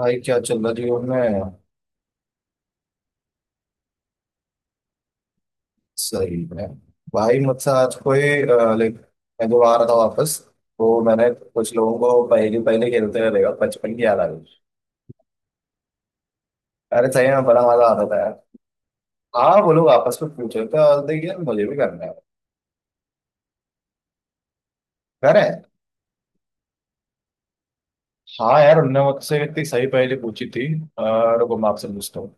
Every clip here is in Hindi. भाई क्या चल रहा जीवन में। सही है। भाई मुझसे आज कोई लाइक मैं जब आ रहा था वापस तो मैंने कुछ लोगों को पहले पहले खेलते हुए देखा। बचपन की याद आ गई। अरे सही में बड़ा मजा आता था यार। हाँ, वो लोग आपस में पूछ रहे थे, और देखिए यार मुझे भी करना है, कह रहे हैं। हाँ यार, उनने मुझसे इतनी सही पहेली पूछी थी। और रुको, मैं आपसे पूछता हूँ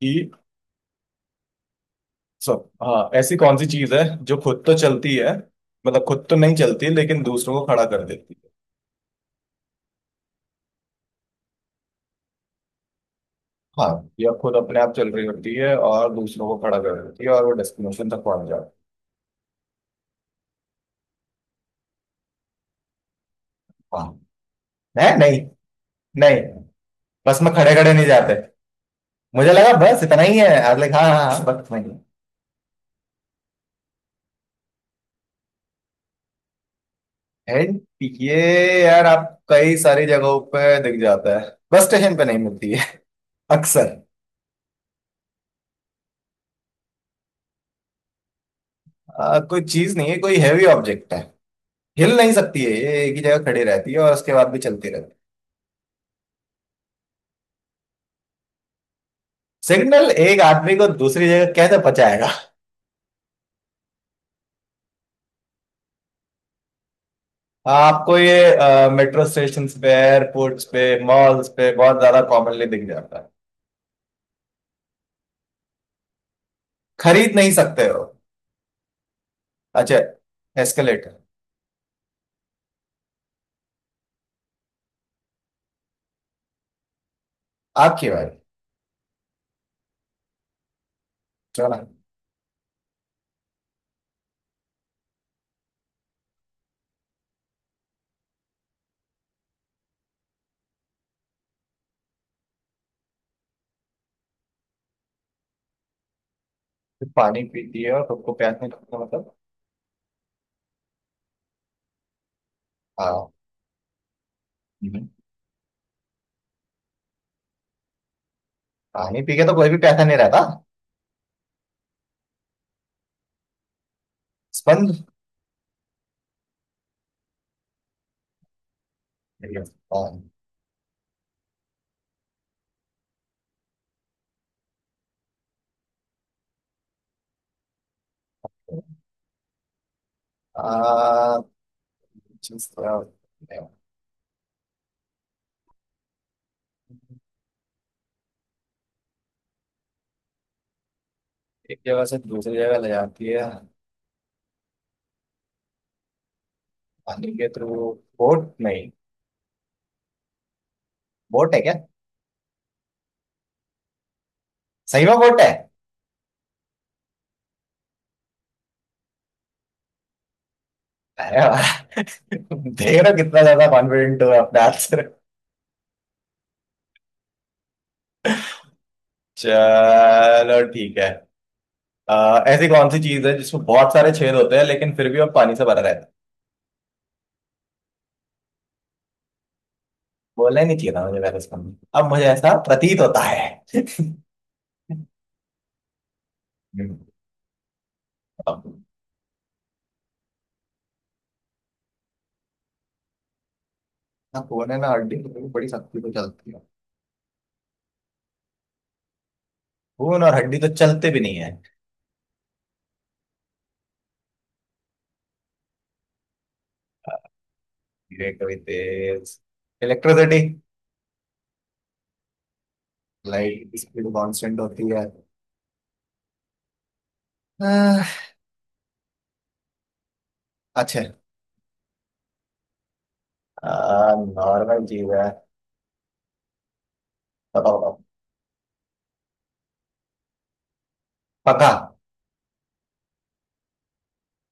कि सब हाँ, ऐसी कौन सी चीज है जो खुद तो चलती है, मतलब खुद तो नहीं चलती लेकिन दूसरों को खड़ा कर देती। हाँ, यह खुद अपने आप चल रही होती है और दूसरों को खड़ा कर रही होती है, और वो डेस्टिनेशन तक पहुंच जाती है। हाँ। नहीं नहीं। नहीं। बस में खड़े खड़े नहीं जाते। मुझे लगा बस इतना ही है। I like. हाँ हाँ हाँ, बस इतना ही है। है। है। ये यार आप कई सारी जगहों पे दिख जाता है, बस स्टेशन पे नहीं मिलती है अक्सर। कोई चीज नहीं है, कोई हैवी ऑब्जेक्ट है। हिल नहीं सकती है, ये एक ही जगह खड़ी रहती है और उसके बाद भी चलती रहती है। सिग्नल एक आदमी को दूसरी जगह कैसे पहुंचाएगा। आपको ये मेट्रो स्टेशन पे, एयरपोर्ट्स पे, मॉल्स पे बहुत ज्यादा कॉमनली दिख जाता है। खरीद नहीं सकते हो। अच्छा। एस्केलेटर। आपकी बारी। चलो ना। पानी पीती है और सबको प्यास नहीं लगता, मतलब? हाँ। हम्म। पानी पी के तो कोई भी प्यासा नहीं रहता। स्पंद। ठीक है, स्पंद। आ, जिस एक जगह से दूसरी जगह ले जाती है। पानी के थ्रू। बोट नहीं? बोट है क्या? सही में बोट है। अरे वाह। देख रहे हो कितना ज्यादा कॉन्फिडेंट हो अपने आंसर। चलो ठीक है। ऐसी कौन सी चीज है जिसमें बहुत सारे छेद होते हैं लेकिन फिर भी वो पानी से भरा रहता है। बोलना ही नहीं चाहिए था मुझे वैसे इसका। अब मुझे ऐसा प्रतीत होता है। अब, ना खून है ना हड्डी तो मेरी बड़ी सख्ती तो चलती है। खून और हड्डी तो चलते भी नहीं है। धीरे कभी तेज। इलेक्ट्रिसिटी। लाइट की स्पीड कांस्टेंट होती है। अह, अच्छा। नॉर्मल चीज है। बताओ बताओ। पंखा।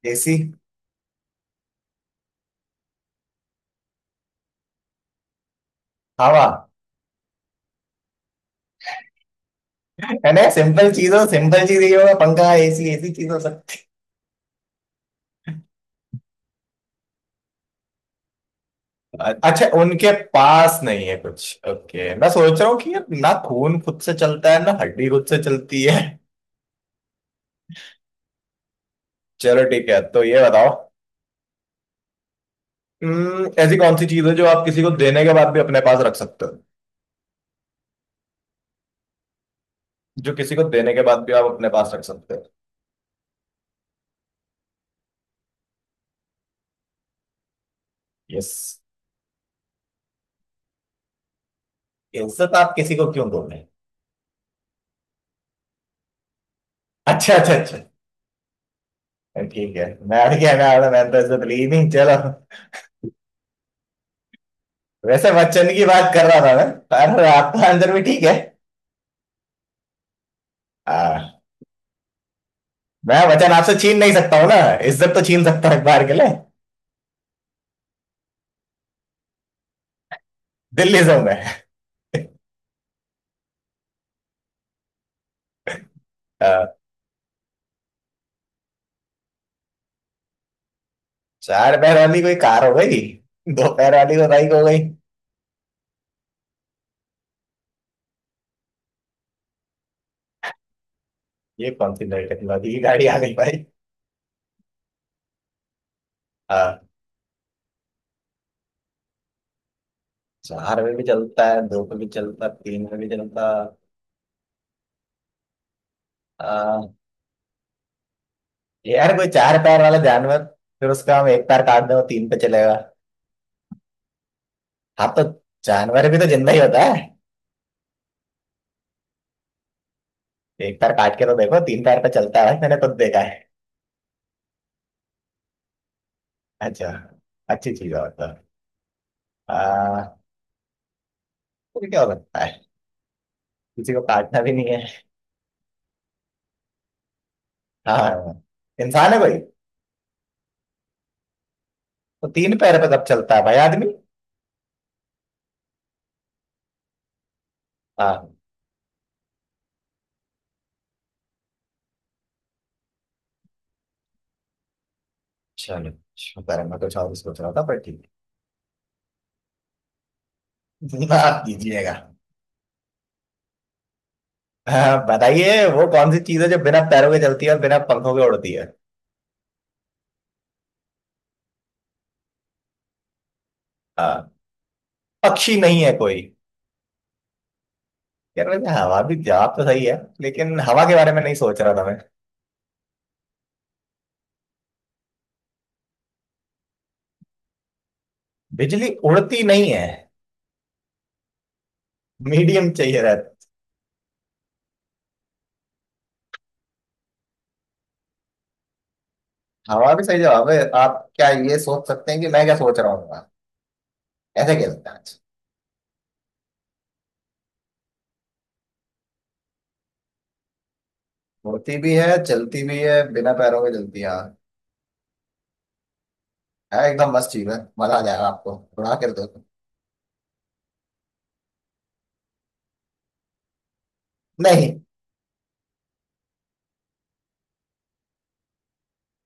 एसी। हवा। है ना, सिंपल चीज हो सिंपल चीज, ये होगा पंखा एसी ऐसी चीज हो सकती है। अच्छा उनके पास नहीं है कुछ। ओके, मैं सोच रहा हूँ कि यार ना खून खुद से चलता है ना हड्डी खुद से चलती है। चलो ठीक है, तो ये बताओ। ऐसी कौन सी चीज है जो आप किसी को देने के बाद भी अपने पास रख सकते हो। जो किसी को देने के बाद भी आप अपने पास रख सकते हो। यस। इज्जत आप किसी को क्यों दोगे। अच्छा अच्छा अच्छा। ठीक है, मैं क्या, मैं तो इज्जत ली नहीं, चलो। वैसे वचन की बात कर रहा था मैं, पर आपका आंसर भी ठीक है। हाँ। मैं वचन आपसे छीन नहीं सकता हूँ ना। इज्जत तो छीन सकता हूँ एक बार के लिए। दिल्ली से हूँ मैं। हाँ, चार पैर वाली कोई कार हो गई, दो पैर वाली कोई बाइक हो गई। ये कौन सी नई टेक्नोलॉजी की गाड़ी आ गई भाई। हाँ, चार में भी चलता है, दो पे भी चलता है, तीन में भी चलता है। हाँ। यार कोई चार पैर वाला जानवर, फिर उसका हम एक पैर काट दें, वो तीन पे चलेगा। हाँ तो जानवर भी तो जिंदा ही होता है। एक पैर काट के तो देखो, तीन पैर पे चलता है भाई, मैंने खुद देखा है। अच्छा। अच्छी चीज और तो, आ, तो क्या हो सकता है, किसी को काटना भी नहीं है। हाँ, इंसान है भाई। तो तीन पैर पे तब चलता है भाई आदमी। हाँ। चलो, शुक्र है, मैं कुछ और सोच रहा था पर ठीक है। आप दीजिएगा। हाँ, बताइए, वो कौन सी चीज है जो बिना पैरों के चलती है और बिना पंखों के उड़ती है। हाँ। पक्षी नहीं है कोई? यार वैसे हवा भी जवाब तो सही है, लेकिन हवा के बारे में नहीं सोच रहा था मैं। बिजली उड़ती नहीं है, मीडियम चाहिए। हवा भी सही जवाब है। आप क्या ये सोच सकते हैं कि मैं क्या सोच रहा हूँ, ऐसे कह सकते हैं आज? होती भी है, चलती भी है, बिना पैरों के चलती है हाँ। है, एकदम मस्त चीज है, मजा आ जाएगा आपको उड़ा कर दो। नहीं,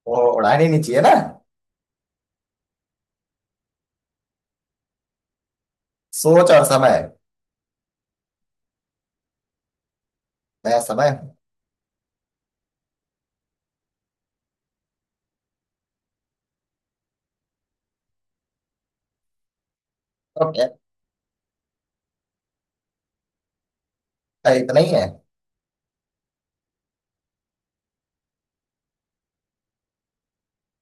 वो उड़ानी नहीं चाहिए ना। सोच और समय। मैं समय तो। क्या- इतना ही है?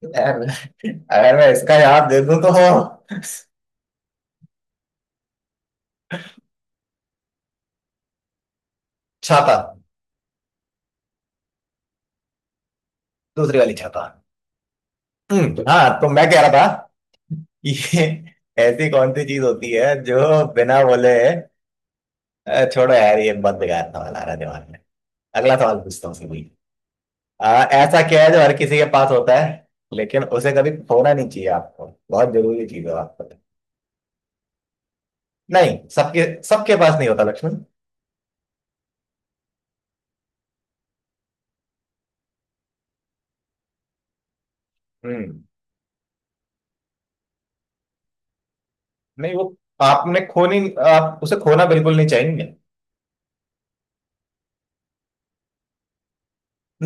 अगर, अगर मैं इसका जवाब दे दूं तो छाता। दूसरी वाली छाता। हाँ तो मैं कह रहा था कि ये ऐसी कौन सी चीज होती है जो बिना बोले, छोड़ो यार, ये बहुत बेकार सवाल आ रहा है दिमाग में, अगला सवाल पूछता हूँ सीधी। अ, ऐसा क्या है जो हर किसी के पास होता है लेकिन उसे कभी खोना नहीं चाहिए, आपको बहुत जरूरी चीज है आपको। नहीं, सबके सबके पास नहीं होता लक्ष्मण। हम्म। नहीं, वो आपने खोनी, आप उसे खोना बिल्कुल नहीं चाहेंगे।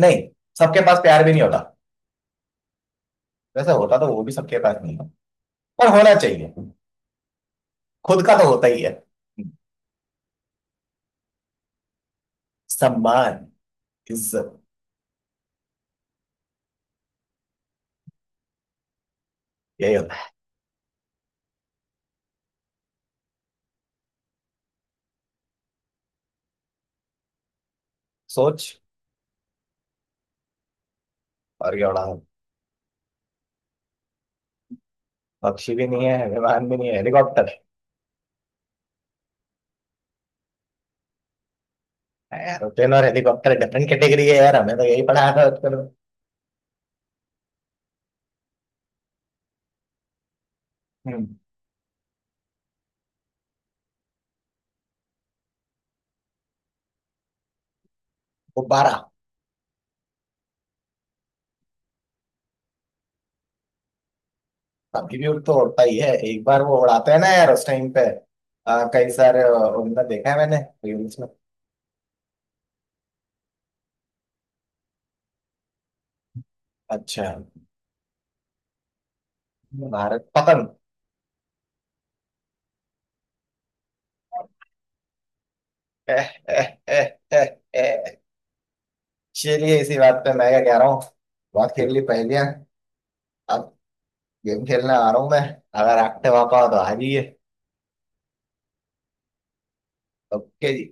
नहीं, सबके पास प्यार भी नहीं होता। वैसे होता तो वो भी सबके पास नहीं है, पर होना चाहिए। खुद का तो होता ही है। सम्मान। इज्जत। यही होता है। सोच और क्या, उड़ान। पक्षी भी नहीं है, विमान भी नहीं है, हेलीकॉप्टर। है यार, होटल और हेलीकॉप्टर डिफरेंट कैटेगरी है यार, हमें तो यही पढ़ाया था बचपन में। हम्म। गुब्बारा। अभी भी उड़ तो उड़ता ही है, एक बार वो उड़ाते हैं ना यार उस टाइम पे, कई सारे, उनमें देखा है मैंने, रील्स में। अच्छा, भारत, पतंग। एह, एह, एह, एह, एह। चलिए इसी बात पे, मैं क्या कह रहा हूँ, बहुत खेल ली पहेलियां, अब गेम खेलने आ रहा हूँ मैं। अगर रखते वापा हो तो आ जाइए। ओके जी।